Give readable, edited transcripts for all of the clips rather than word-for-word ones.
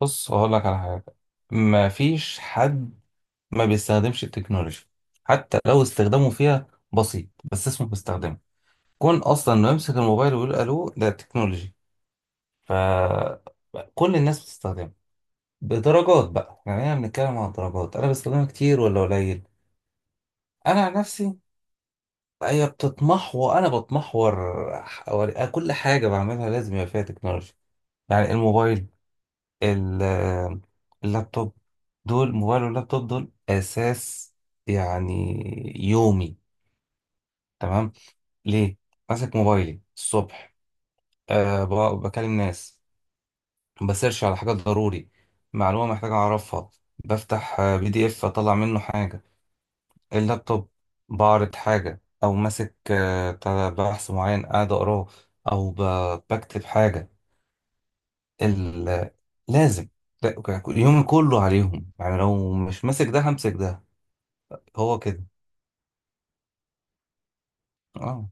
بص هقول لك على حاجة. ما فيش حد ما بيستخدمش التكنولوجيا، حتى لو استخدامه فيها بسيط بس اسمه بيستخدمه. كون أصلا إنه يمسك الموبايل ويقول ألو ده تكنولوجي، فكل الناس بتستخدمه بدرجات بقى. يعني احنا بنتكلم عن درجات، أنا بستخدمها كتير ولا قليل. أنا عن نفسي هي بتتمحور، أنا بتمحور كل حاجة بعملها لازم يبقى فيها تكنولوجيا. يعني الموبايل، ال- اللابتوب، دول موبايل واللابتوب دول اساس، يعني، يومي. تمام، ليه؟ ماسك موبايلي الصبح، أه، بكلم ناس، بسيرش على حاجة ضروري، معلومة محتاج اعرفها. بفتح PDF اطلع منه حاجة. اللابتوب، بعرض حاجة او ماسك بتاع ده، بحث معين قاعد اقراه، او بكتب حاجة. ال- لازم. ده- يومي كله عليهم، يعني لو مش ماسك ده همسك ده. هو كده. اه.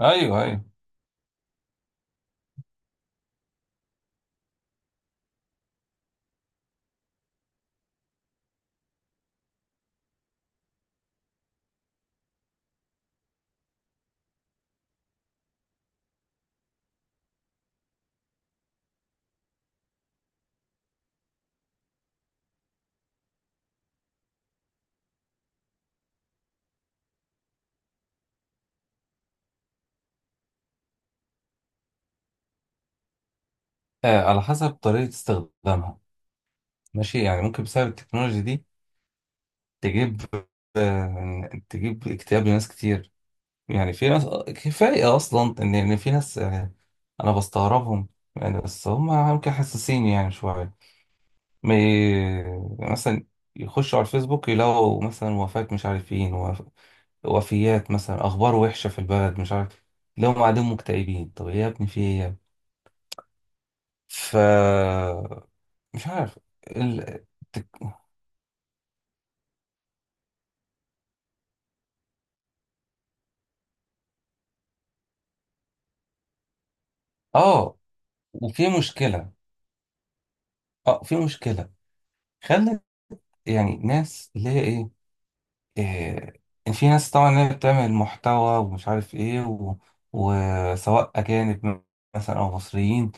ايوه، ايوه. آه، على حسب طريقة استخدامها. ماشي، يعني ممكن بسبب التكنولوجيا دي تجيب، آه، تجيب اكتئاب لناس كتير. يعني في ناس، آه، كفاية اصلا ان في ناس، آه، انا بستغربهم، يعني بس هم يمكن حساسين يعني شوية. ما ي- مثلا يخشوا على الفيسبوك يلاقوا مثلا وفاة مش عارفين، وفيات مثلا، اخبار وحشه في البلد مش عارف. لو هم قاعدين مكتئبين، طب ايه يا ابني، في ايه يا ابني؟ ف مش عارف ال... تك... اه، وفي مشكلة. اه في مشكلة، خلت، يعني ناس اللي هي ايه، إيه... إن في ناس طبعا اللي هي بتعمل محتوى ومش عارف ايه وسواء أجانب مثلا أو مصريين،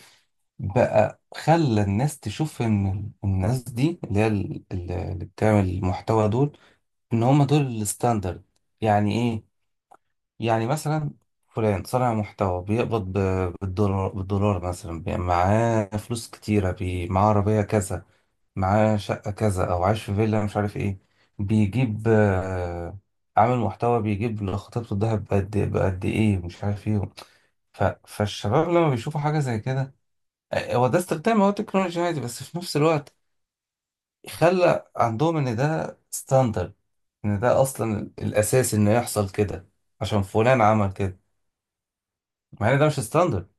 بقى خلى الناس تشوف إن الناس دي اللي هي اللي بتعمل المحتوى دول، إن هم دول الستاندرد. يعني إيه؟ يعني مثلا فلان صانع محتوى بيقبض بالدولار، بالدولار مثلا، معاه فلوس كتيرة، بي معاه عربية كذا، معاه شقة كذا، أو عايش في فيلا مش عارف إيه، بيجيب عامل محتوى بيجيب لخطيبته الدهب بقد بقد إيه مش عارف إيه. فالشباب لما بيشوفوا حاجة زي كده، آه، هو ده استخدام، هو تكنولوجي عادي، بس في نفس الوقت خلى عندهم إن ده ستاندرد، إن ده أصلا الأساس إنه يحصل كده عشان فلان عمل كده، مع إن ده مش ستاندرد.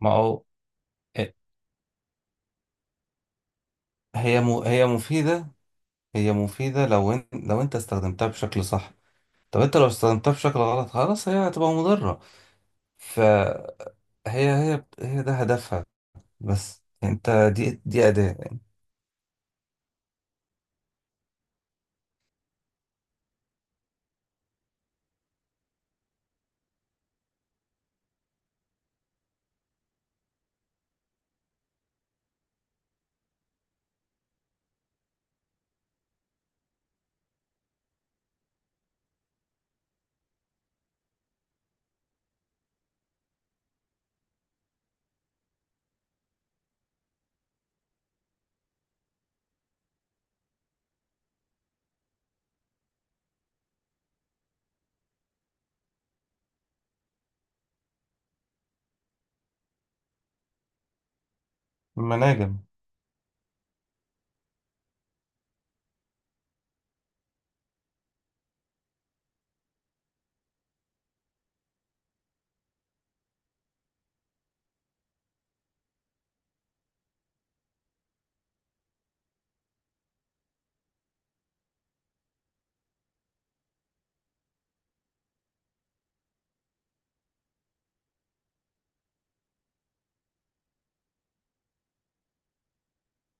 ما هو، آه، هي مفيدة. هي مفيدة لو لو انت استخدمتها بشكل صح. طب انت لو استخدمتها بشكل غلط، خلاص هي هتبقى مضرة. فهي، هي ده هدفها، بس يعني انت، دي أداة. مناجم.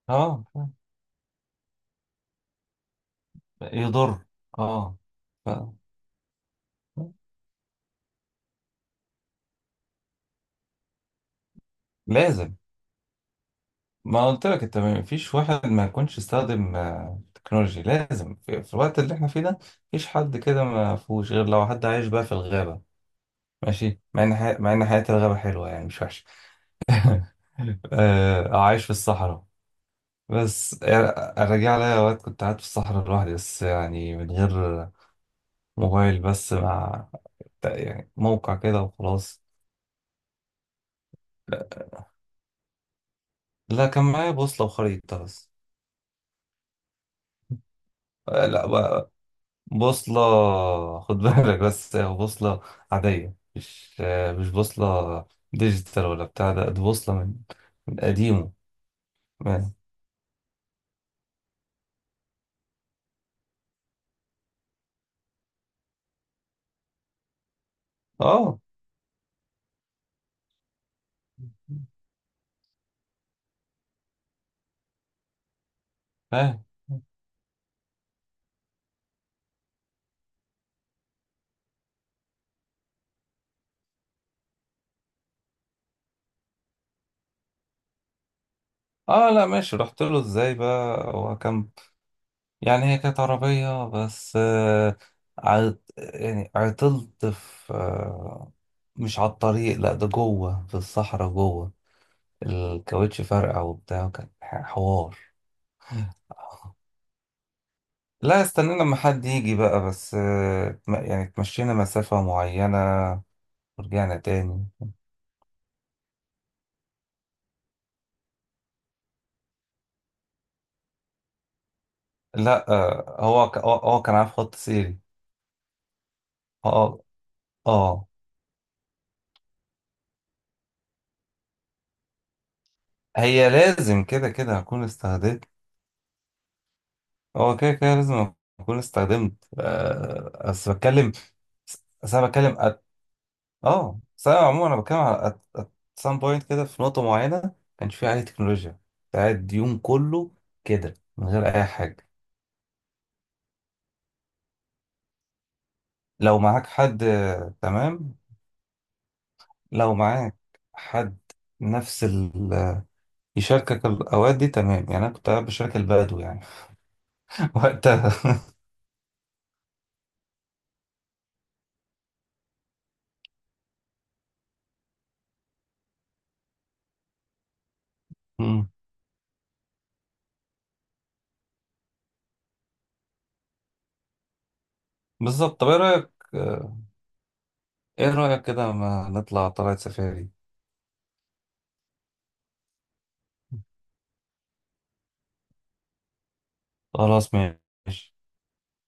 اه، يضر. اه. ف... لازم. ما قلت لك، انت ما فيش واحد ما يكونش استخدم، آه، تكنولوجي لازم، في في الوقت اللي احنا فيه ده مفيش حد كده ما فيهوش، غير لو حد عايش بقى في الغابة. ماشي، مع ان مع ان حياة الغابة حلوة، يعني مش وحشة. آه، عايش في الصحراء، بس يعني ارجع لي اوقات كنت قاعد في الصحراء لوحدي، بس يعني من غير موبايل، بس مع، يعني موقع كده وخلاص. لا، كان معايا بوصلة وخريطة بس. آه، لا بقى، بوصلة. خد بالك، بس هي بوصلة عادية، مش آه، مش بوصلة ديجيتال ولا بتاع ده، دي بوصلة من من قديمه. اه، فاهم. اه، لا ماشي، رحت له ازاي بقى، هو كان، يعني هي كانت عربية بس آه، يعني عطلت في آه، مش على الطريق، لا ده جوه في الصحراء جوه. الكاوتش فرقع وبتاع، وكان حوار. لا، استنينا لما حد يجي بقى، بس آه، يعني اتمشينا مسافة معينة ورجعنا تاني. لا آه، هو كان عارف خط سيري. اه. اه، هي لازم كده كده هكون استهديت. هو كده كده لازم اكون استخدمت، آه، بس بتكلم. بس انا بتكلم اه، بس انا عموما انا بتكلم على at, at some point كده، في نقطة معينة كانش فيها عليه تكنولوجيا، كنت قاعد يوم كله كده من غير اي حاجة. لو معاك حد، آه، تمام. لو معاك حد نفس يشاركك الاوقات دي، تمام، يعني انا كنت قاعد بشارك البدو يعني. وقتها. مم. بالظبط. طب ايه رأيك، آه، ايه رأيك كده ما نطلع طلعت سفاري؟ خلاص، ماشي.